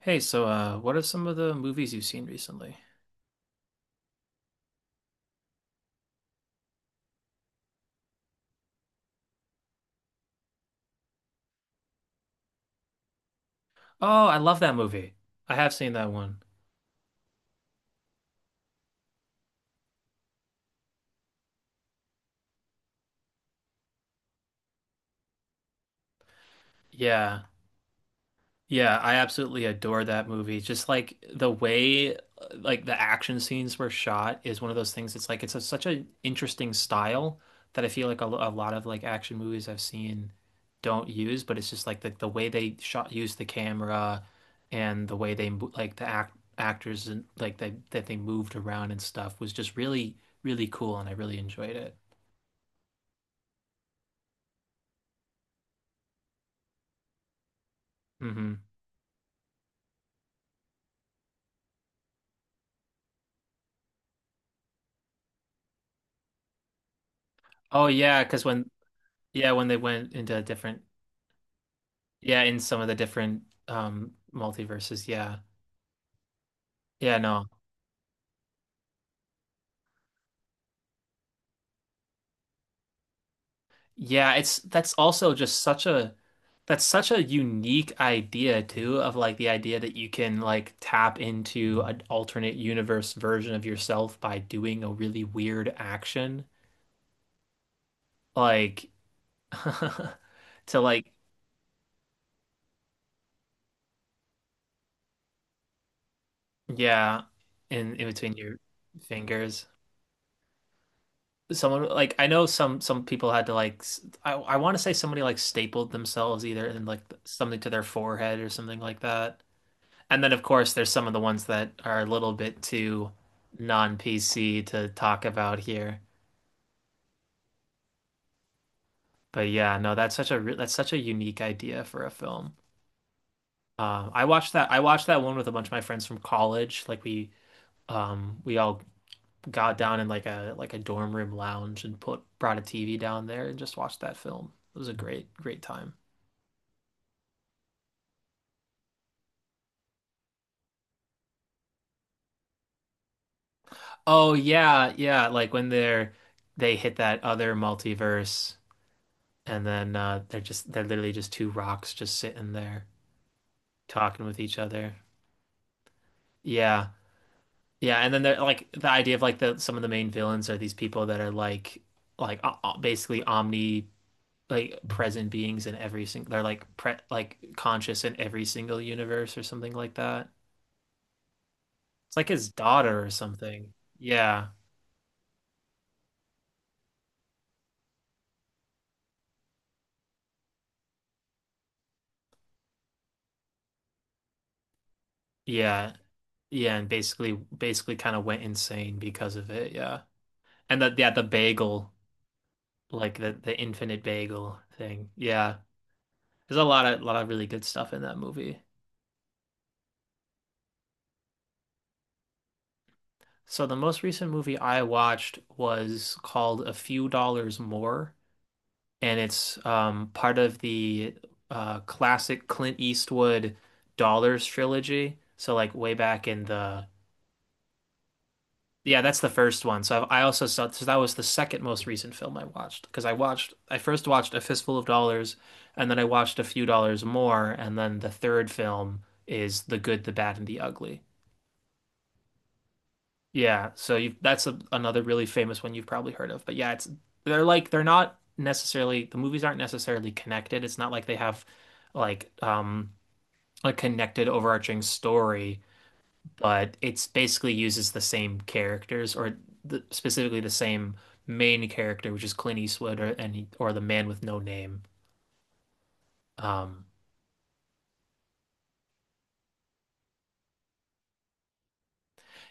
Hey, what are some of the movies you've seen recently? Oh, I love that movie. I have seen that one. Yeah. Yeah, I absolutely adore that movie. Just like the way like the action scenes were shot is one of those things. It's like it's such an interesting style that I feel like a lot of like action movies I've seen don't use, but it's just like the way they shot use the camera and the way they mo- like the act actors and like they that they moved around and stuff was just really cool, and I really enjoyed it. Hmm. Oh yeah, because when they went into different, yeah, in some of the different multiverses, yeah. Yeah, no, yeah, it's that's also just such a, that's such a unique idea too, of like the idea that you can like tap into an alternate universe version of yourself by doing a really weird action like, to like, yeah, in between your fingers. Someone, like, I know some people had to like s- I want to say somebody like stapled themselves either and like something to their forehead or something like that. And then of course there's some of the ones that are a little bit too non-PC to talk about here. But yeah, no, that's such a re- that's such a unique idea for a film. I watched that one with a bunch of my friends from college. Like we, we all got down in like a, like a dorm room lounge and put brought a TV down there and just watched that film. It was a great time. Oh yeah, yeah. Like when they're, they hit that other multiverse, and then they're just, they're literally just two rocks just sitting there talking with each other. Yeah, yeah. And then they're like the idea of like the, some of the main villains are these people that are like basically omni, like present beings in every single, they're like pre, like conscious in every single universe or something like that. It's like his daughter or something. Yeah, yeah. Yeah, and basically kind of went insane because of it, yeah. And the, yeah, the bagel, like the infinite bagel thing. Yeah. There's a lot of really good stuff in that movie. So the most recent movie I watched was called A Few Dollars More, and it's part of the classic Clint Eastwood Dollars trilogy. So like way back in the, yeah, that's the first one. So I also saw, so that was the second most recent film I watched, because I watched, I first watched A Fistful of Dollars and then I watched A Few Dollars More, and then the third film is The Good, the Bad, and the Ugly. Yeah, so you, that's a, another really famous one you've probably heard of. But yeah, it's, they're not necessarily, the movies aren't necessarily connected. It's not like they have like, a connected overarching story, but it's basically uses the same characters, or the, specifically the same main character, which is Clint Eastwood, or and or the man with no name. Um,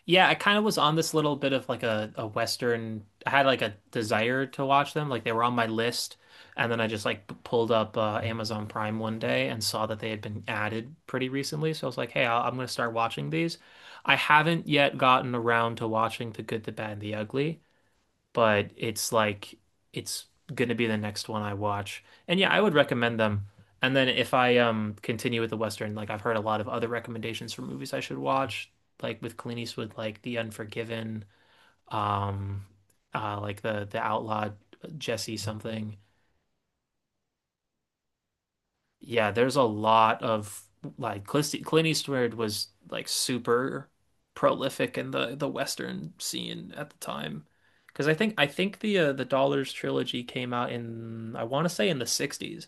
yeah, I kind of was on this little bit of like a Western. I had like a desire to watch them, like they were on my list, and then I just like pulled up Amazon Prime one day and saw that they had been added pretty recently. So I was like, hey, I'm gonna start watching these. I haven't yet gotten around to watching The Good, the Bad, and the Ugly. But it's like, it's gonna be the next one I watch. And yeah, I would recommend them. And then if I continue with the Western, like I've heard a lot of other recommendations for movies I should watch, like with Clint Eastwood, like The Unforgiven, um like the Outlaw Jesse something. Yeah, there's a lot of like Clint Eastwood was like super prolific in the Western scene at the time. Because I think the Dollars trilogy came out in, I want to say in the 60s,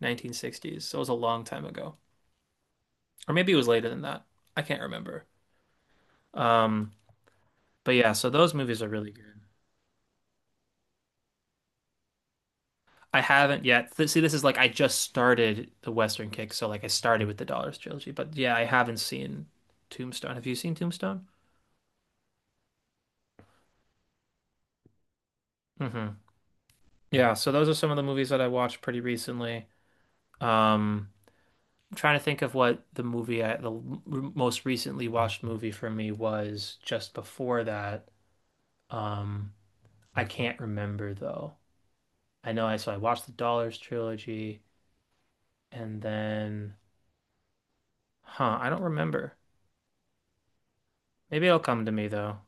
1960s. So it was a long time ago. Or maybe it was later than that. I can't remember. Um, but yeah, so those movies are really good. I haven't yet. Th See, this is like, I just started the Western kick, so like I started with the Dollars trilogy. But yeah, I haven't seen Tombstone. Have you seen Tombstone? Hmm. Yeah, so those are some of the movies that I watched pretty recently. Um, I'm trying to think of what the movie I, the most recently watched movie for me was just before that. Um, I can't remember though. I know, I, so I watched the Dollars trilogy, and then, huh, I don't remember. Maybe it'll come to me though.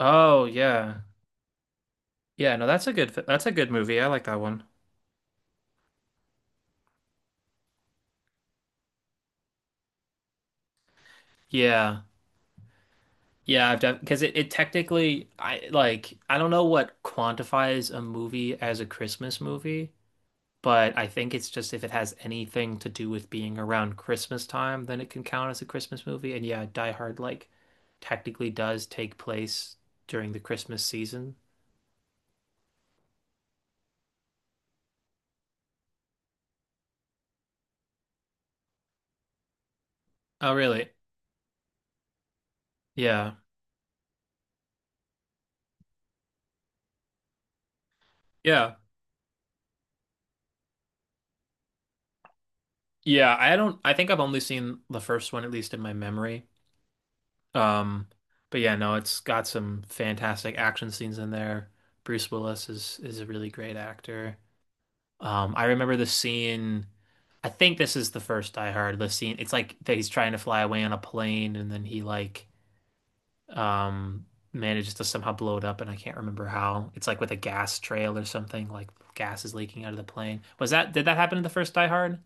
Oh, yeah. Yeah, no, that's a good fi- that's a good movie. I like that one. Yeah. Yeah, I've def, because it technically, I, like I don't know what quantifies a movie as a Christmas movie, but I think it's just if it has anything to do with being around Christmas time, then it can count as a Christmas movie. And yeah, Die Hard like technically does take place during the Christmas season. Oh, really? Yeah. Yeah. Yeah, I don't, I think I've only seen the first one, at least in my memory. Um, but yeah, no, it's got some fantastic action scenes in there. Bruce Willis is a really great actor. I remember the scene. I think this is the first Die Hard, the scene. It's like that he's trying to fly away on a plane, and then he like, um manages to somehow blow it up, and I can't remember how. It's like with a gas trail or something. Like gas is leaking out of the plane. Was that, did that happen in the first Die Hard?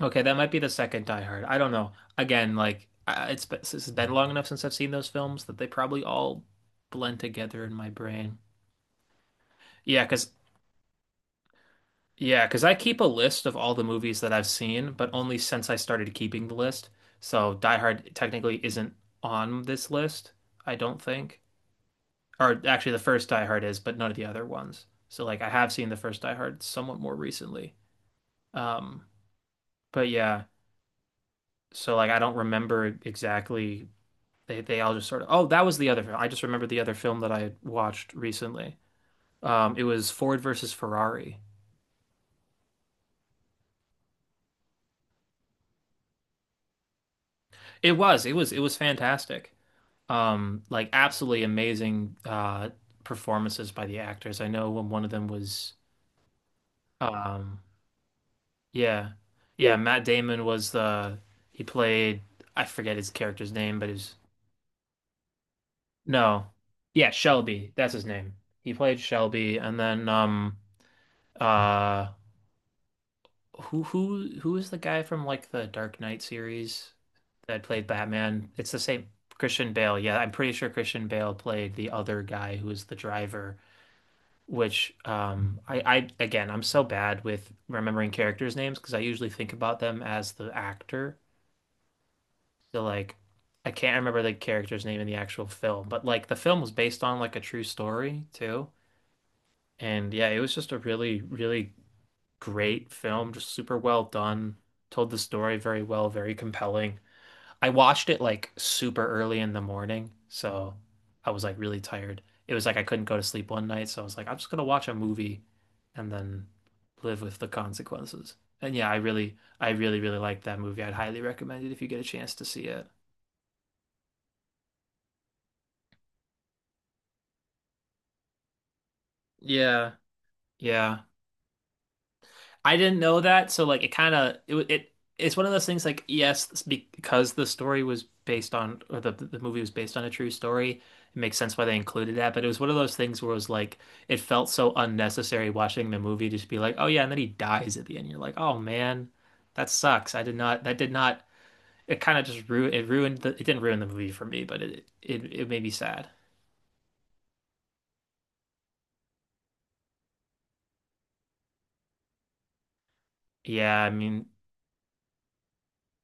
Okay, that might be the second Die Hard. I don't know. Again, like it's been long enough since I've seen those films that they probably all blend together in my brain. Yeah, because, yeah, because I keep a list of all the movies that I've seen, but only since I started keeping the list. So Die Hard technically isn't on this list, I don't think. Or actually, the first Die Hard is, but none of the other ones. So like, I have seen the first Die Hard somewhat more recently. Um, but yeah, so like, I don't remember exactly, they all just sort of, oh, that was the other film, I just remember the other film that I had watched recently. It was Ford versus Ferrari. It was fantastic. Like absolutely amazing performances by the actors. I know when one of them was, um, yeah, yeah, Matt Damon was the, he played, I forget his character's name, but his, no, yeah, Shelby, that's his name. He played Shelby, and then uh who who is the guy from like the Dark Knight series that played Batman? It's the same, Christian Bale. Yeah, I'm pretty sure Christian Bale played the other guy who was the driver, which I again, I'm so bad with remembering characters' names because I usually think about them as the actor. So like, I can't remember the character's name in the actual film, but like the film was based on like a true story too. And yeah, it was just a really, really great film, just super well done. Told the story very well, very compelling. I watched it like super early in the morning, so I was like really tired. It was like I couldn't go to sleep one night, so I was like, I'm just gonna watch a movie and then live with the consequences. And yeah, I really, really liked that movie. I'd highly recommend it if you get a chance to see it. Yeah, yeah. I didn't know that, so like it kind of it, it it's one of those things like, yes, it's because the story was based on, or the movie was based on a true story, it makes sense why they included that. But it was one of those things where it was like, it felt so unnecessary watching the movie just be like, oh yeah, and then he dies at the end. You're like, oh man, that sucks. I did not, that did not, it kind of just ruined it, ruined the, it didn't ruin the movie for me, but it made me sad. Yeah, I mean,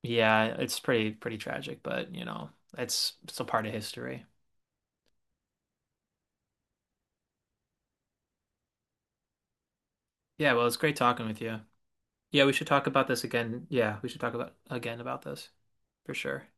yeah, it's pretty tragic, but you know, it's a part of history. Yeah, well, it's great talking with you. Yeah, we should talk about this again. Yeah, we should talk about again about this for sure.